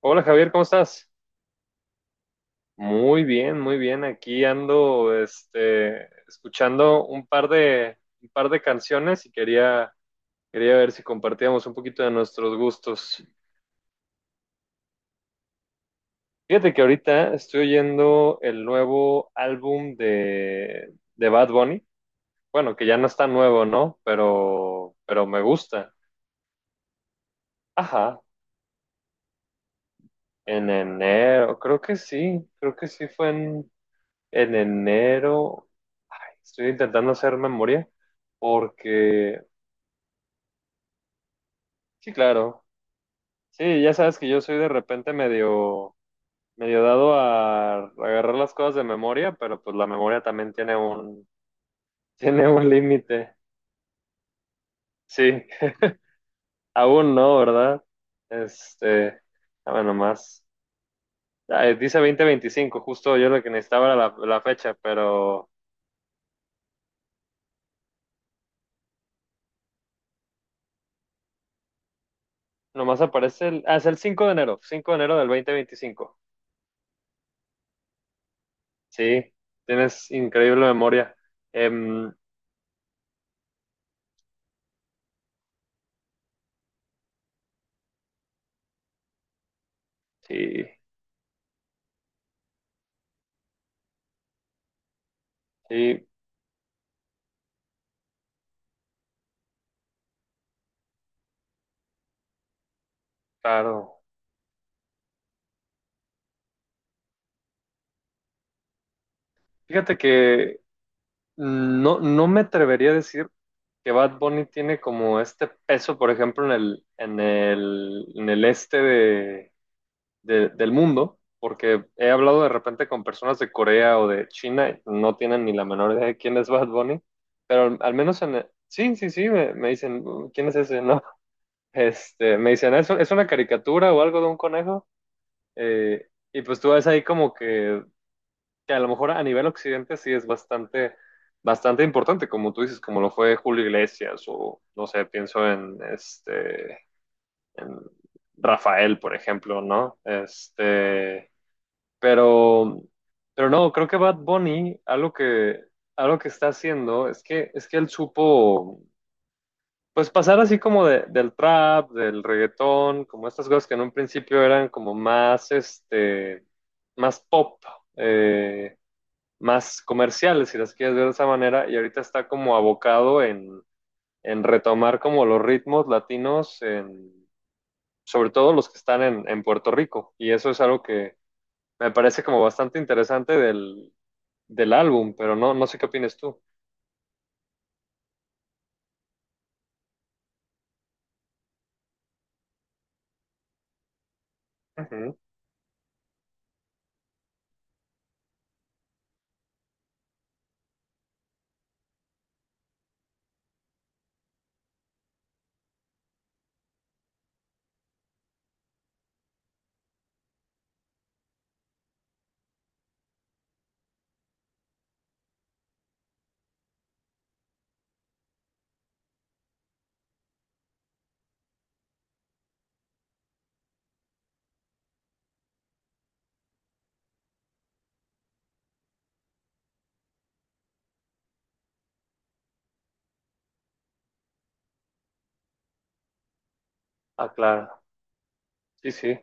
Hola Javier, ¿cómo estás? Muy bien, muy bien. Aquí ando, escuchando un par de canciones y quería ver si compartíamos un poquito de nuestros gustos. Fíjate que ahorita estoy oyendo el nuevo álbum de Bad Bunny. Bueno, que ya no está nuevo, ¿no? Pero me gusta. Ajá, en enero, creo que sí fue en enero. Estoy intentando hacer memoria porque, sí, claro, sí, ya sabes que yo soy de repente medio dado a agarrar las cosas de memoria, pero pues la memoria también tiene un, tiene un límite. Sí, aún no, ¿verdad? Este, a ver nomás. Ah, dice 2025, justo yo lo que necesitaba era la fecha, pero nomás aparece es el 5 de enero del 2025. Sí, tienes increíble memoria. Em, sí. Sí, claro. Fíjate que no, no me atrevería a decir que Bad Bunny tiene como este peso, por ejemplo, en el este del mundo, porque he hablado de repente con personas de Corea o de China, y no tienen ni la menor idea de quién es Bad Bunny, pero al menos en. Sí, sí, sí, me dicen, ¿quién es ese?" No, me dicen, es una caricatura o algo de un conejo? Y pues tú ves ahí como que a lo mejor a nivel occidente sí es bastante, bastante importante, como tú dices, como lo fue Julio Iglesias o, no sé, pienso en Rafael, por ejemplo, ¿no? Pero, pero no, creo que Bad Bunny, algo que está haciendo es es que él supo, pues pasar así como del trap, del reggaetón, como estas cosas que en un principio eran como más, más pop. eh, Más comerciales, si las quieres ver de esa manera, y ahorita está como abocado en retomar como los ritmos latinos, sobre todo los que están en Puerto Rico, y eso es algo que me parece como bastante interesante del álbum, pero no, no sé qué opinas tú. Ujú. Ah, claro, sí, sí,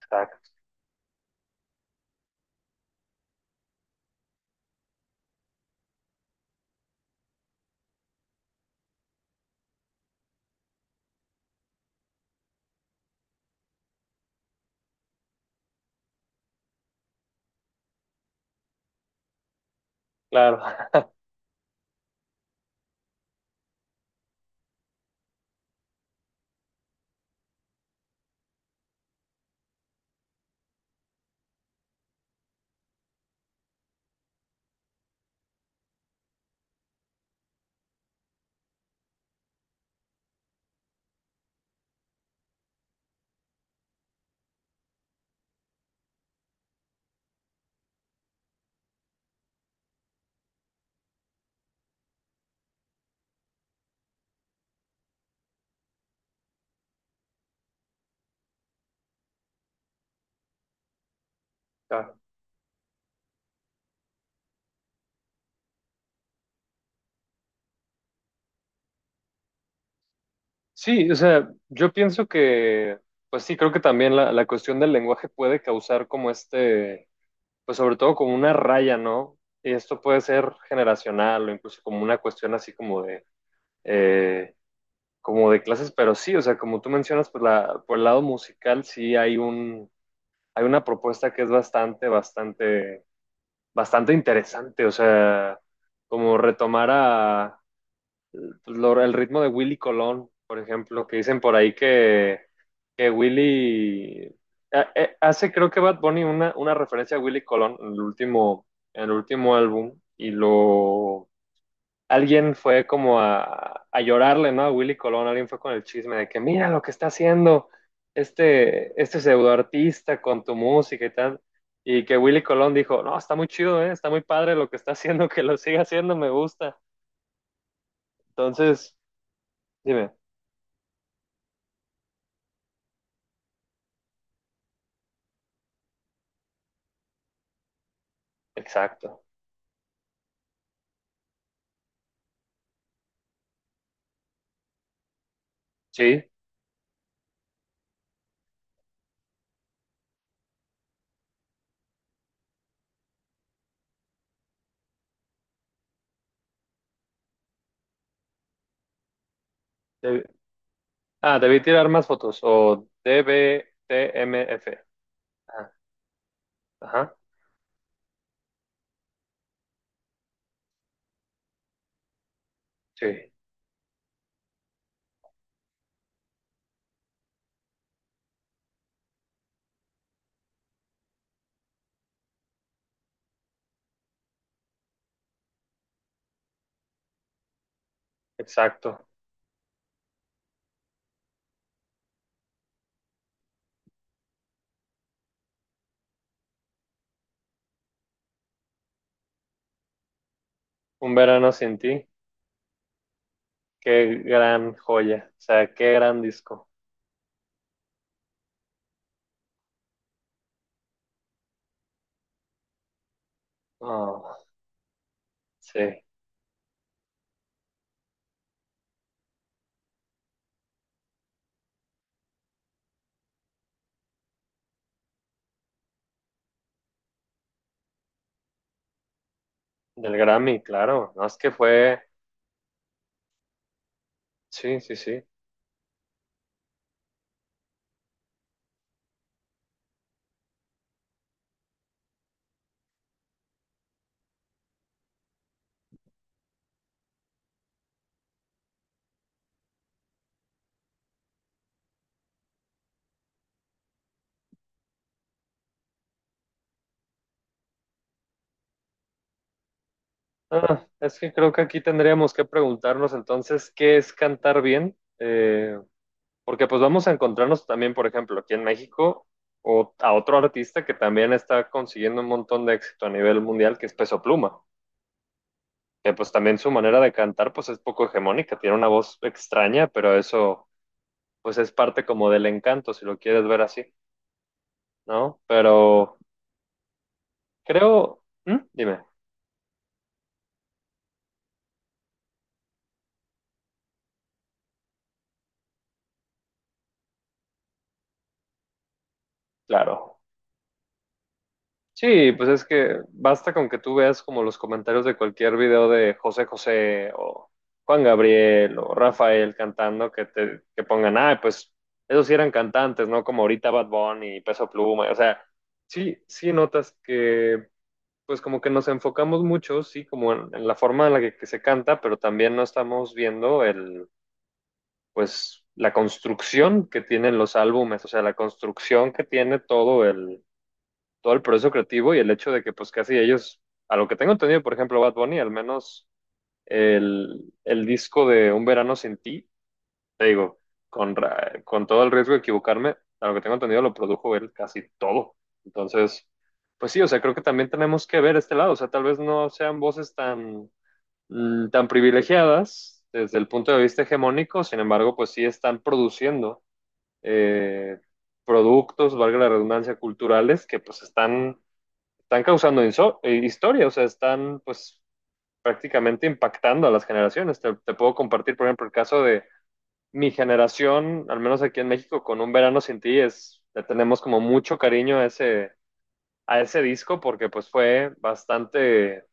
exacto, claro. Claro. Sí, o sea, yo pienso que, pues sí, creo que también la cuestión del lenguaje puede causar como pues sobre todo como una raya, ¿no? Y esto puede ser generacional o incluso como una cuestión así como eh, como de clases, pero sí, o sea, como tú mencionas, pues por el lado musical sí hay hay una propuesta que es bastante, bastante, bastante interesante, o sea, como retomar pues, el ritmo de Willy Colón, por ejemplo, que dicen por ahí que Willy creo que Bad Bunny una referencia a Willy Colón en el último álbum y lo alguien fue como a llorarle, ¿no? A Willy Colón, alguien fue con el chisme de que mira lo que está haciendo este pseudo artista con tu música y tal. Y que Willy Colón dijo, no, está muy chido, ¿eh? Está muy padre lo que está haciendo, que lo siga haciendo, me gusta. Entonces, dime. Exacto. Sí. Deb- Debí tirar más fotos. O D B T DBTMF. Ah, ajá. Sí. Exacto. Un verano sin ti. Qué gran joya. O sea, qué gran disco. Oh, sí. Del Grammy, claro. No es que fue. Sí, sí, sí. Ah, es que creo que aquí tendríamos que preguntarnos entonces qué es cantar bien. Porque pues vamos a encontrarnos también, por ejemplo, aquí en México, o a otro artista que también está consiguiendo un montón de éxito a nivel mundial, que es Peso Pluma, que pues también su manera de cantar pues es poco hegemónica, tiene una voz extraña, pero eso pues es parte como del encanto, si lo quieres ver así, ¿no? Pero creo, ¿Mm? Dime, claro. Sí, pues es que basta con que tú veas como los comentarios de cualquier video de José José o Juan Gabriel o Rafael cantando que te que pongan, ah, pues esos sí eran cantantes, ¿no? Como ahorita Bad Bunny y Peso Pluma, o sea, sí, sí notas que pues como que nos enfocamos mucho, sí, como en la forma en la que se canta, pero también no estamos viendo pues la construcción que tienen los álbumes, o sea, la construcción que tiene todo el proceso creativo y el hecho de que pues casi ellos, a lo que tengo entendido, por ejemplo, Bad Bunny, al menos el disco de Un Verano Sin Ti, te digo, con todo el riesgo de equivocarme, a lo que tengo entendido lo produjo él casi todo. Entonces, pues sí, o sea, creo que también tenemos que ver este lado, o sea, tal vez no sean voces tan privilegiadas desde el punto de vista hegemónico, sin embargo, pues sí están produciendo. eh, Productos, valga la redundancia, culturales que pues están causando historia, o sea, están pues prácticamente impactando a las generaciones. Te puedo compartir, por ejemplo, el caso de mi generación, al menos aquí en México, con Un Verano Sin Ti, le tenemos como mucho cariño a a ese disco porque pues fue bastante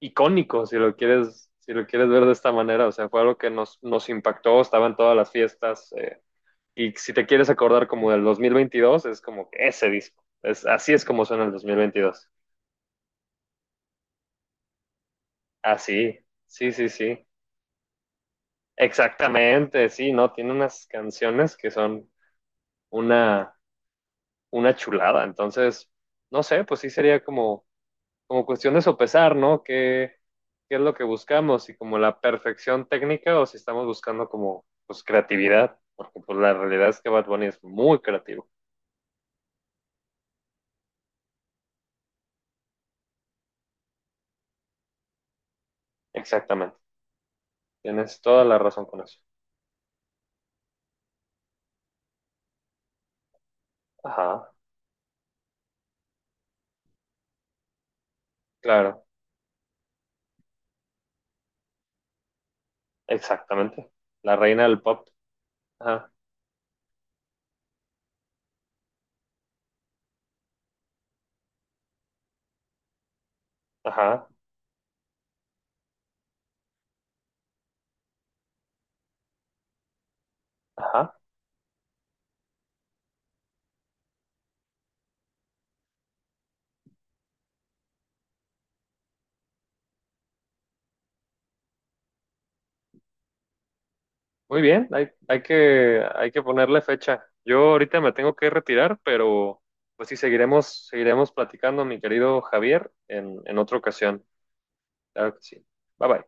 icónico, si lo quieres ver de esta manera, o sea, fue algo que nos impactó, estaba en todas las fiestas. Y si te quieres acordar como del 2022 es como que ese disco. Así es como suena el 2022. Así, sí, sí, sí. Sí. Exactamente, sí, ¿no? Tiene unas canciones que son una, una chulada. Entonces, no sé, pues sí sería como cuestión de sopesar, ¿no? Qué es lo que buscamos? Si como la perfección técnica o si estamos buscando como, pues, creatividad. Porque pues la realidad es que Bad Bunny es muy creativo. Exactamente. Tienes toda la razón con eso. Ajá, claro, exactamente. La reina del pop. Ajá, ajá, ajá. Muy bien, hay que ponerle fecha. Yo ahorita me tengo que retirar, pero pues sí, seguiremos platicando, mi querido Javier, en otra ocasión. Claro que sí. Bye bye.